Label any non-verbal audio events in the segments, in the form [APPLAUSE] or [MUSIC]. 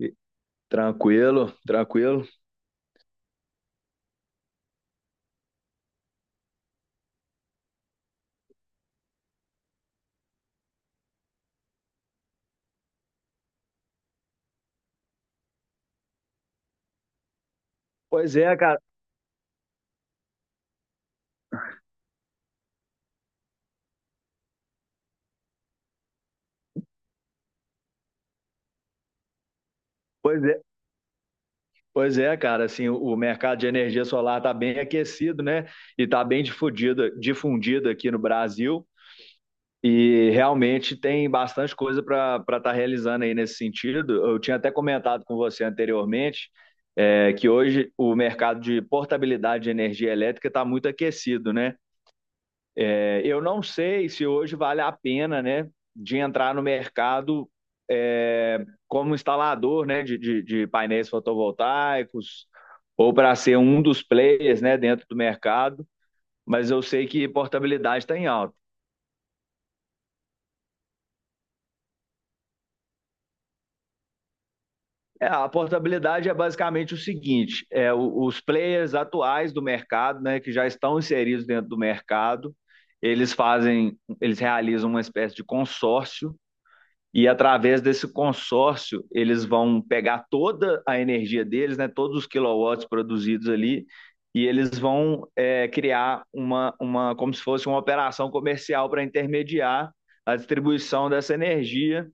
E- Tranquilo, tranquilo. Pois é, cara. Pois é, pois é, cara. Assim, o mercado de energia solar está bem aquecido, né? E está bem difundido, difundido aqui no Brasil. E realmente tem bastante coisa para estar realizando aí nesse sentido. Eu tinha até comentado com você anteriormente, que hoje o mercado de portabilidade de energia elétrica está muito aquecido, né? É, eu não sei se hoje vale a pena, né, de entrar no mercado como instalador, né, de painéis fotovoltaicos ou para ser um dos players, né, dentro do mercado. Mas eu sei que portabilidade está em alta. É, a portabilidade é basicamente o seguinte: é, os players atuais do mercado, né, que já estão inseridos dentro do mercado, eles realizam uma espécie de consórcio. E através desse consórcio, eles vão pegar toda a energia deles, né, todos os quilowatts produzidos ali, e eles vão é, criar uma, como se fosse uma operação comercial para intermediar a distribuição dessa energia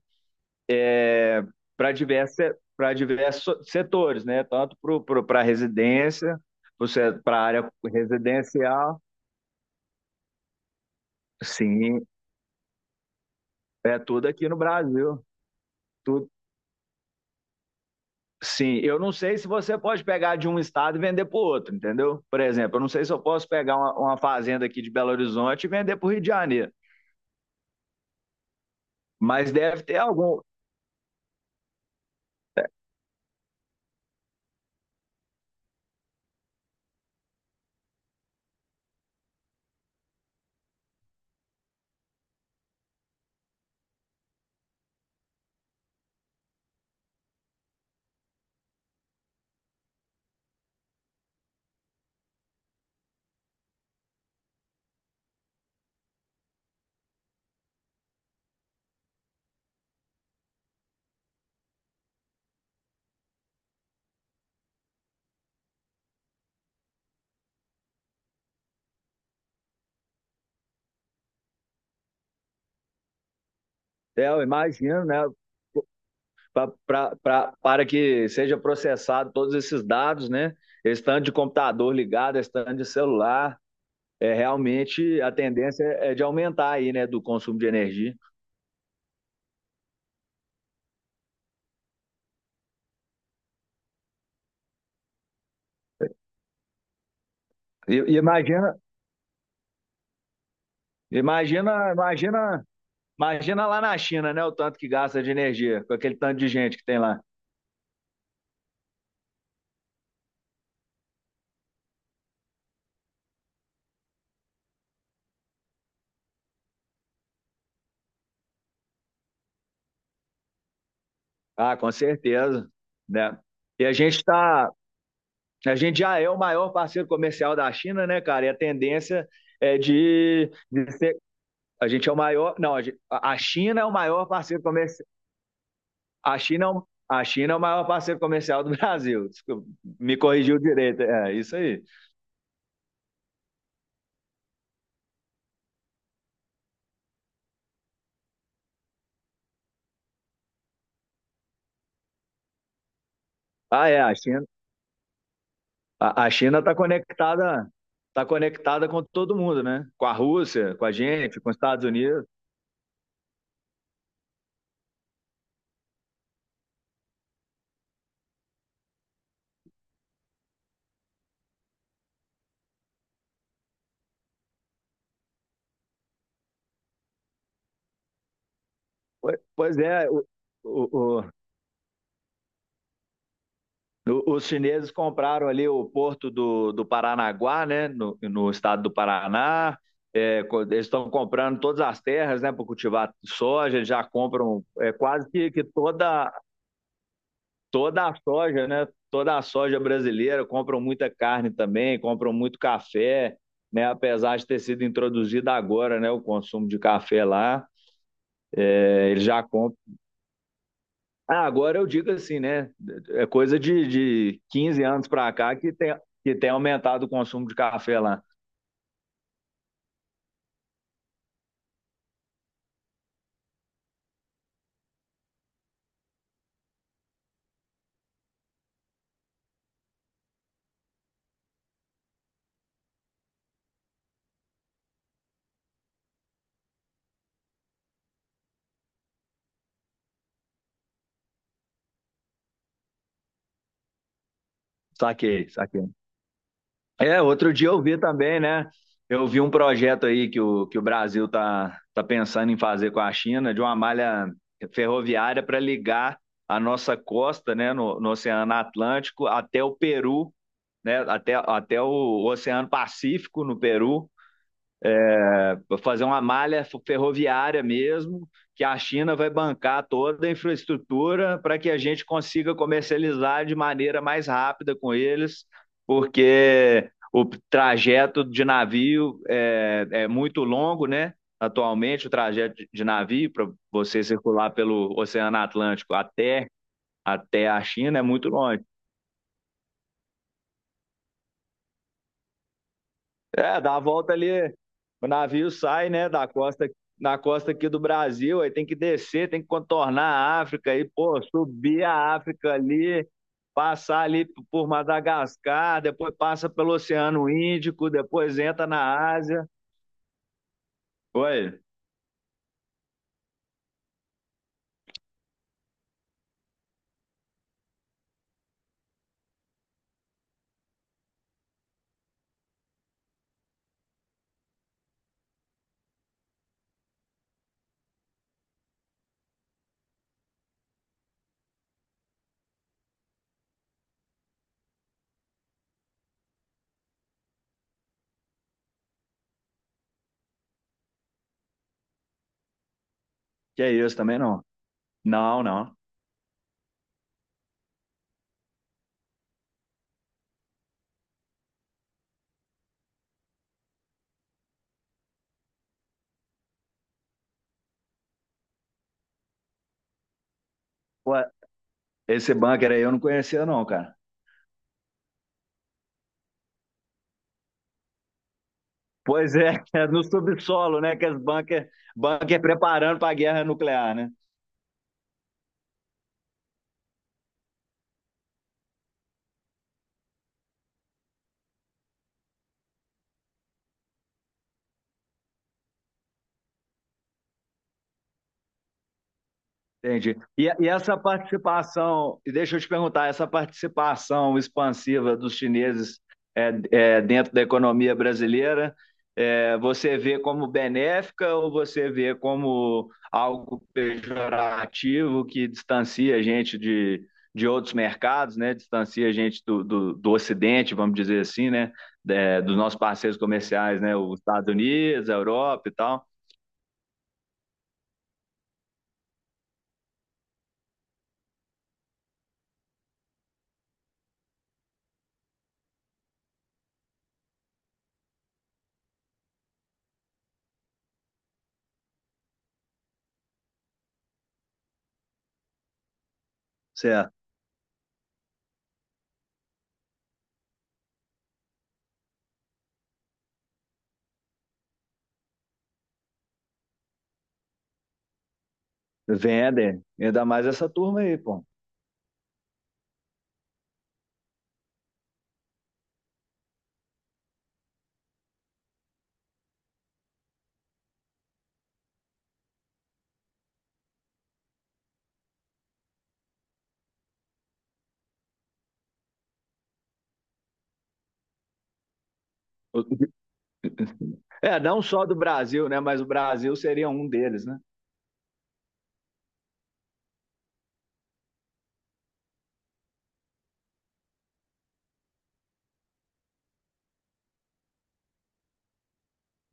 para diversos setores, né, tanto para a residência, para a área residencial, sim, é tudo aqui no Brasil, tudo. Sim, eu não sei se você pode pegar de um estado e vender para o outro, entendeu? Por exemplo, eu não sei se eu posso pegar uma fazenda aqui de Belo Horizonte e vender para o Rio de Janeiro, mas deve ter algum, é eu imagino, né? Para que seja processado todos esses dados, né? Esse tanto de computador ligado, esse tanto de celular, é, realmente a tendência é de aumentar aí, né? Do consumo de energia. E imagina, imagina, imagina, imagina lá na China, né? O tanto que gasta de energia, com aquele tanto de gente que tem lá. Ah, com certeza, né? E a gente tá, a gente já é o maior parceiro comercial da China, né, cara? E a tendência é de ser, a gente é o maior, não, a China é o maior parceiro comercial, a China é o, a China é o maior parceiro comercial do [LAUGHS] Brasil. Desculpa, me corrigiu direito, é isso aí. Ah, é, a China, a China tá conectada com todo mundo, né? Com a Rússia, com a gente, com os Estados Unidos. O, o, o- os chineses compraram ali o porto do Paranaguá, né, no estado do Paraná. É, eles estão comprando todas as terras, né, para cultivar soja. Eles já compram é, quase que toda, toda a soja, né, toda a soja brasileira. Compram muita carne também, compram muito café, né, apesar de ter sido introduzido agora, né, o consumo de café lá. É, eles já compram. Ah, agora eu digo assim, né? É coisa de 15 anos para cá que tem aumentado o consumo de café lá. Saquei, saquei. É, outro dia eu vi também, né? Eu vi um projeto aí que o Brasil tá, tá pensando em fazer com a China, de uma malha ferroviária para ligar a nossa costa, né, no Oceano Atlântico até o Peru, né, até o Oceano Pacífico no Peru. Vai fazer uma malha ferroviária mesmo, que a China vai bancar toda a infraestrutura para que a gente consiga comercializar de maneira mais rápida com eles, porque o trajeto de navio é muito longo, né? Atualmente, o trajeto de navio para você circular pelo Oceano Atlântico até, até a China é muito longe. É, dá a volta ali, o navio sai, né, da costa, na costa aqui do Brasil, aí tem que descer, tem que contornar a África, aí, pô, subir a África ali, passar ali por Madagascar, depois passa pelo Oceano Índico, depois entra na Ásia. Oi, que é isso também não? Não, não. Pô, esse bunker aí eu não conhecia não, cara. Pois é, [LAUGHS] é no subsolo, né, que as bunker, bunker preparando para a guerra nuclear, né? Entendi. E essa participação, e deixa eu te perguntar, essa participação expansiva dos chineses dentro da economia brasileira, é, você vê como benéfica ou você vê como algo pejorativo que distancia a gente de outros mercados, né? Distancia a gente do Ocidente, vamos dizer assim, né? É, dos nossos parceiros comerciais, né? Os Estados Unidos, a Europa e tal. Certo. Vendem, ainda mais essa turma aí, pô. É, não só do Brasil, né? Mas o Brasil seria um deles, né?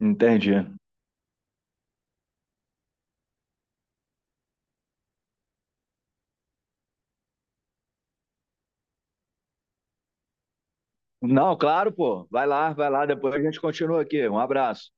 Entendi. Não, claro, pô. Vai lá, vai lá. Depois a gente continua aqui. Um abraço.